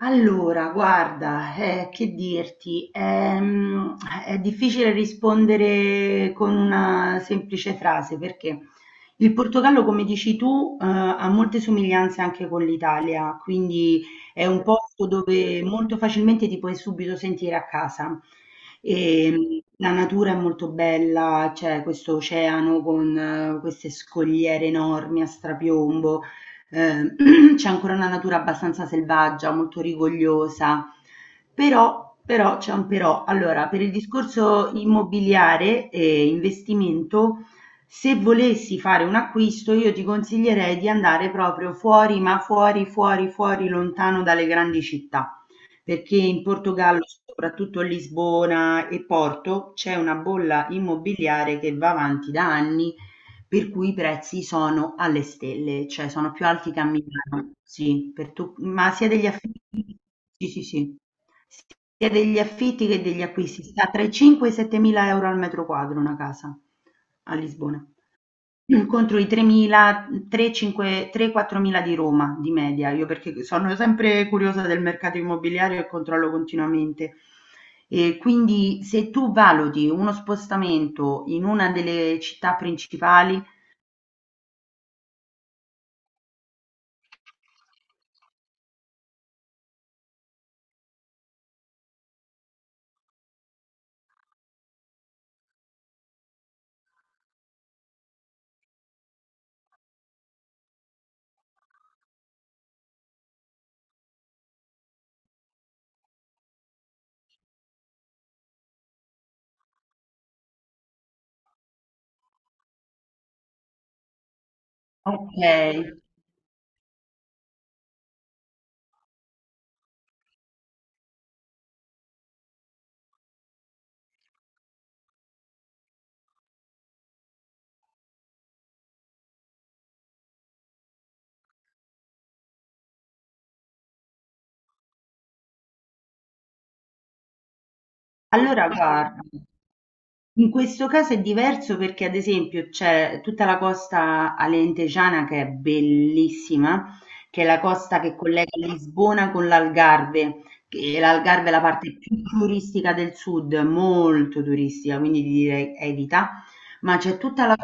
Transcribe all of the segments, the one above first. Allora, guarda, che dirti, è difficile rispondere con una semplice frase perché il Portogallo, come dici tu, ha molte somiglianze anche con l'Italia, quindi è un posto dove molto facilmente ti puoi subito sentire a casa. La natura è molto bella, c'è questo oceano con queste scogliere enormi a strapiombo c'è ancora una natura abbastanza selvaggia, molto rigogliosa, però, c'è un però. Allora, per il discorso immobiliare e investimento, se volessi fare un acquisto, io ti consiglierei di andare proprio fuori, ma fuori, fuori, lontano dalle grandi città perché in Portogallo, soprattutto a Lisbona e Porto, c'è una bolla immobiliare che va avanti da anni, per cui i prezzi sono alle stelle, cioè sono più alti che a Milano, sì, ma sia degli affitti, sì, sì, sì, sia degli affitti che degli acquisti, sta tra i 5 e i 7 mila euro al metro quadro una casa a Lisbona. Contro i tremila, quattromila di Roma di media, io perché sono sempre curiosa del mercato immobiliare e controllo continuamente. E quindi se tu valuti uno spostamento in una delle città principali, ok, allora guarda. In questo caso è diverso perché ad esempio c'è tutta la costa alentejana che è bellissima, che è la costa che collega Lisbona con l'Algarve, che l'Algarve è la parte più turistica del sud, molto turistica, quindi ti direi evita, ma c'è tutta la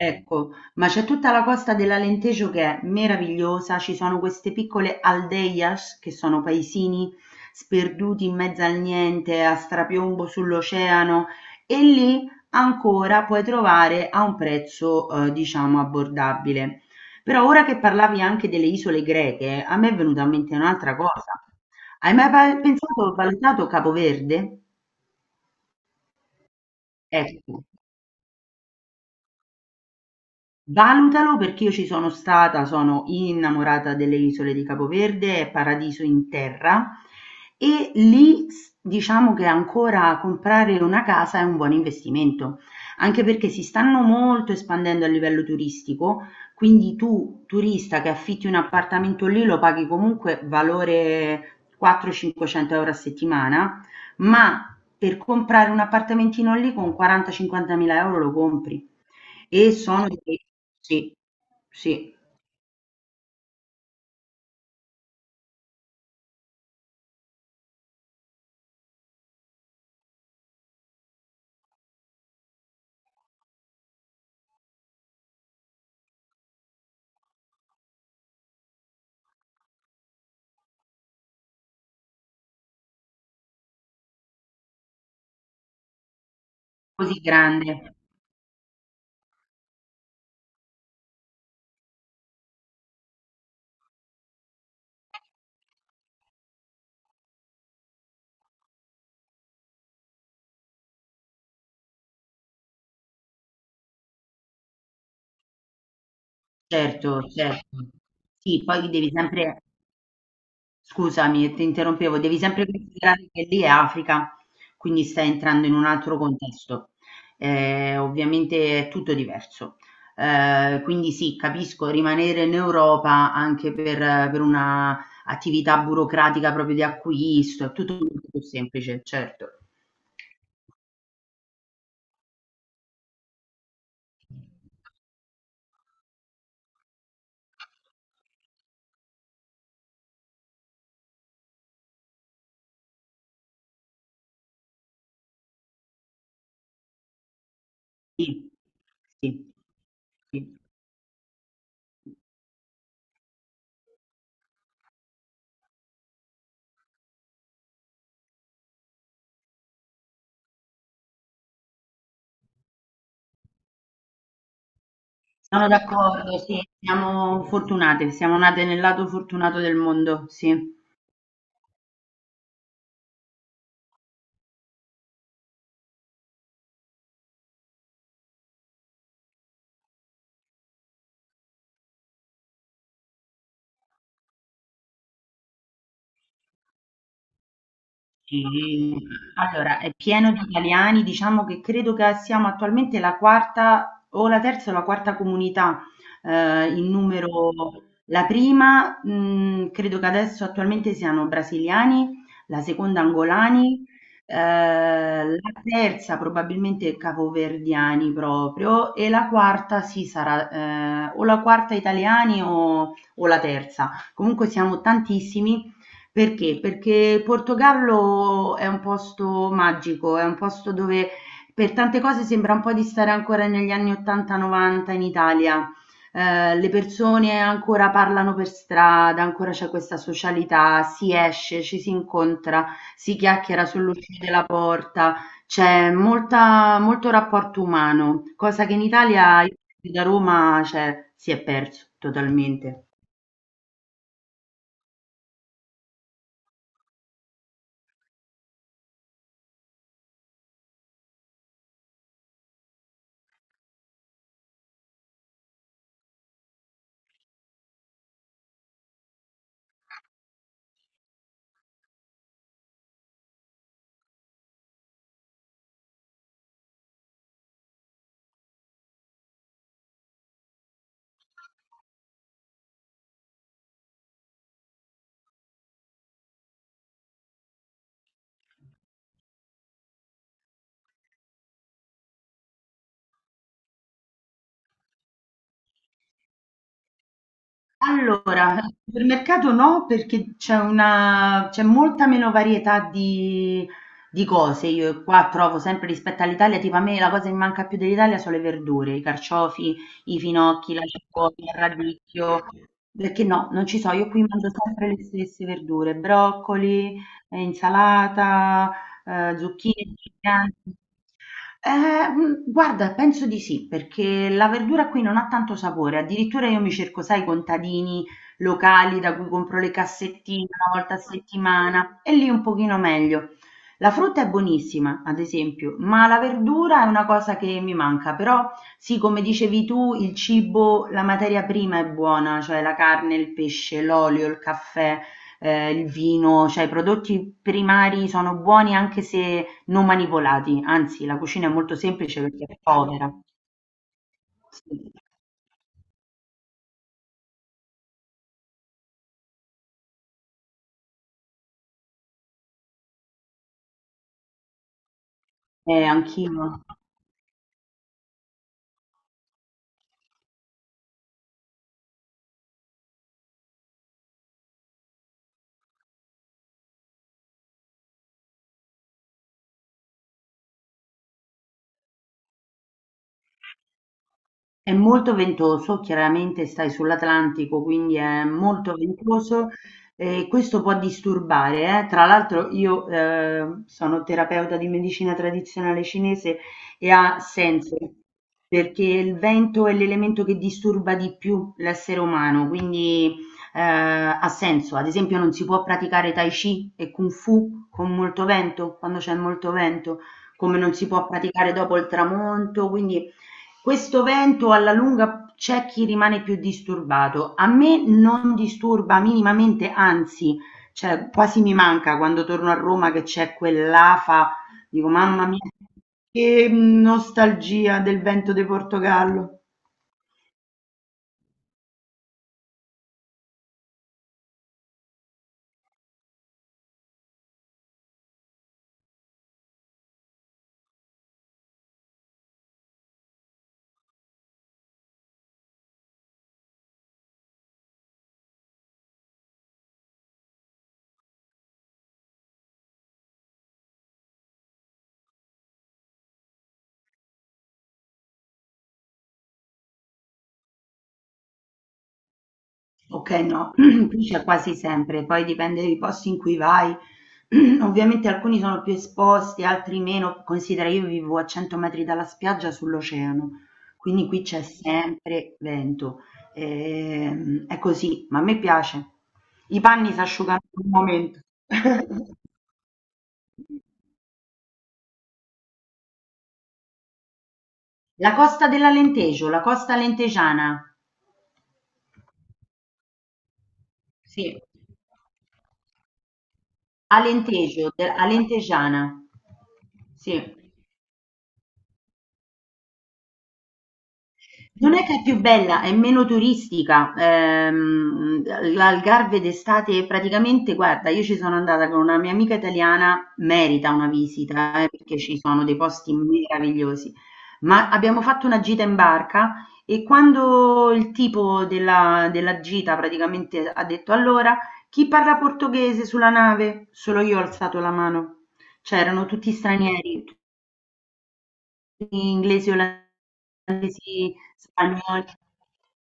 Ecco, ma c'è tutta la costa dell'Alentejo che è meravigliosa, ci sono queste piccole aldeias che sono paesini sperduti in mezzo al niente, a strapiombo sull'oceano, e lì ancora puoi trovare a un prezzo diciamo abbordabile. Però ora che parlavi anche delle isole greche, a me è venuta in mente un'altra cosa. Hai mai pensato, valutato Capoverde? Ecco, valutalo perché io ci sono stata, sono innamorata delle isole di Capo Verde, è paradiso in terra e lì diciamo che ancora comprare una casa è un buon investimento, anche perché si stanno molto espandendo a livello turistico, quindi tu turista che affitti un appartamento lì lo paghi comunque valore 400-500 euro a settimana, ma per comprare un appartamentino lì con 40-50 mila euro lo compri. E sono di sì, sì, così grande. Certo, certo. Sì, scusami, ti interrompevo, devi sempre considerare che lì è Africa, quindi stai entrando in un altro contesto. Ovviamente è tutto diverso. Quindi sì, capisco, rimanere in Europa anche per una attività burocratica proprio di acquisto, è tutto molto più semplice, certo. Sì, sì, sì. Sono d'accordo, sì, siamo fortunate, siamo nate nel lato fortunato del mondo, sì. Sì, allora è pieno di italiani, diciamo che credo che siamo attualmente la quarta comunità in numero. La prima, credo che adesso attualmente siano brasiliani, la seconda angolani, eh, la terza probabilmente capoverdiani proprio e la quarta sì sarà o la quarta italiani o la terza. Comunque siamo tantissimi perché? Perché il Portogallo è un posto magico, è un posto dove per tante cose sembra un po' di stare ancora negli anni 80-90 in Italia. Le persone ancora parlano per strada, ancora c'è questa socialità, si esce, ci si incontra, si chiacchiera sull'uscita della porta, c'è molto rapporto umano, cosa che in Italia, io da Roma, cioè, si è perso totalmente. Allora, al supermercato no, perché c'è molta meno varietà di cose. Io qua trovo sempre rispetto all'Italia, tipo a me la cosa che mi manca più dell'Italia sono le verdure, i carciofi, i finocchi, la cicoria, il radicchio. Perché no, non ci so, io qui mangio sempre le stesse verdure, broccoli, insalata, zucchine giganti. Guarda, penso di sì, perché la verdura qui non ha tanto sapore, addirittura io mi cerco, sai, i contadini locali da cui compro le cassettine una volta a settimana e lì un pochino meglio. La frutta è buonissima, ad esempio, ma la verdura è una cosa che mi manca, però sì, come dicevi tu, il cibo, la materia prima è buona, cioè la carne, il pesce, l'olio, il caffè, il vino, cioè i prodotti primari sono buoni anche se non manipolati, anzi la cucina è molto semplice perché è povera. Sì. Anch'io. È molto ventoso, chiaramente stai sull'Atlantico, quindi è molto ventoso e questo può disturbare, eh. Tra l'altro io sono terapeuta di medicina tradizionale cinese e ha senso, perché il vento è l'elemento che disturba di più l'essere umano, quindi ha senso. Ad esempio non si può praticare Tai Chi e Kung Fu con molto vento, quando c'è molto vento, come non si può praticare dopo il tramonto, quindi questo vento alla lunga c'è chi rimane più disturbato. A me non disturba minimamente, anzi, cioè quasi mi manca quando torno a Roma che c'è quell'afa, dico mamma mia, che nostalgia del vento di Portogallo. Ok, no, qui c'è quasi sempre, poi dipende dai posti in cui vai. Ovviamente alcuni sono più esposti, altri meno. Considera, io vivo a 100 metri dalla spiaggia sull'oceano, quindi qui c'è sempre vento. È così, ma a me piace. I panni si asciugano in un momento. La costa dell'Alentejo, la costa alentejana. Sì, Alentejo, Alentegiana. Sì. Non è che è più bella, è meno turistica. L'Algarve d'estate praticamente, guarda, io ci sono andata con una mia amica italiana, merita una visita, perché ci sono dei posti meravigliosi. Ma abbiamo fatto una gita in barca e quando il tipo della gita praticamente ha detto allora, chi parla portoghese sulla nave? Solo io ho alzato la mano. C'erano tutti stranieri, inglesi, olandesi, spagnoli.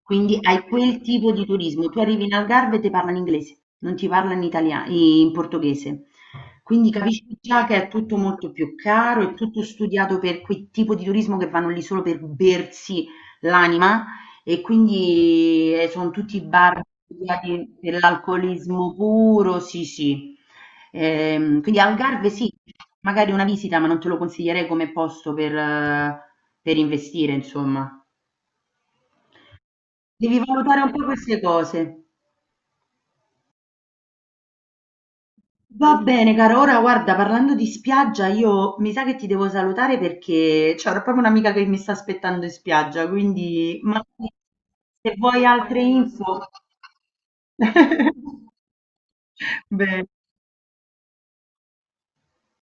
Quindi hai quel tipo di turismo. Tu arrivi in Algarve e ti parlano inglese, non ti parlano in italiano, in portoghese. Quindi capisci già che è tutto molto più caro, è tutto studiato per quel tipo di turismo che vanno lì solo per bersi l'anima e quindi sono tutti bar via di dell'alcolismo puro, sì, sì. Quindi Algarve sì, magari una visita, ma non te lo consiglierei come posto per investire, insomma. Devi valutare un po' queste cose. Va bene, cara. Ora, guarda, parlando di spiaggia, io mi sa che ti devo salutare perché c'è proprio un'amica che mi sta aspettando in spiaggia, quindi magari se vuoi altre info. Bene.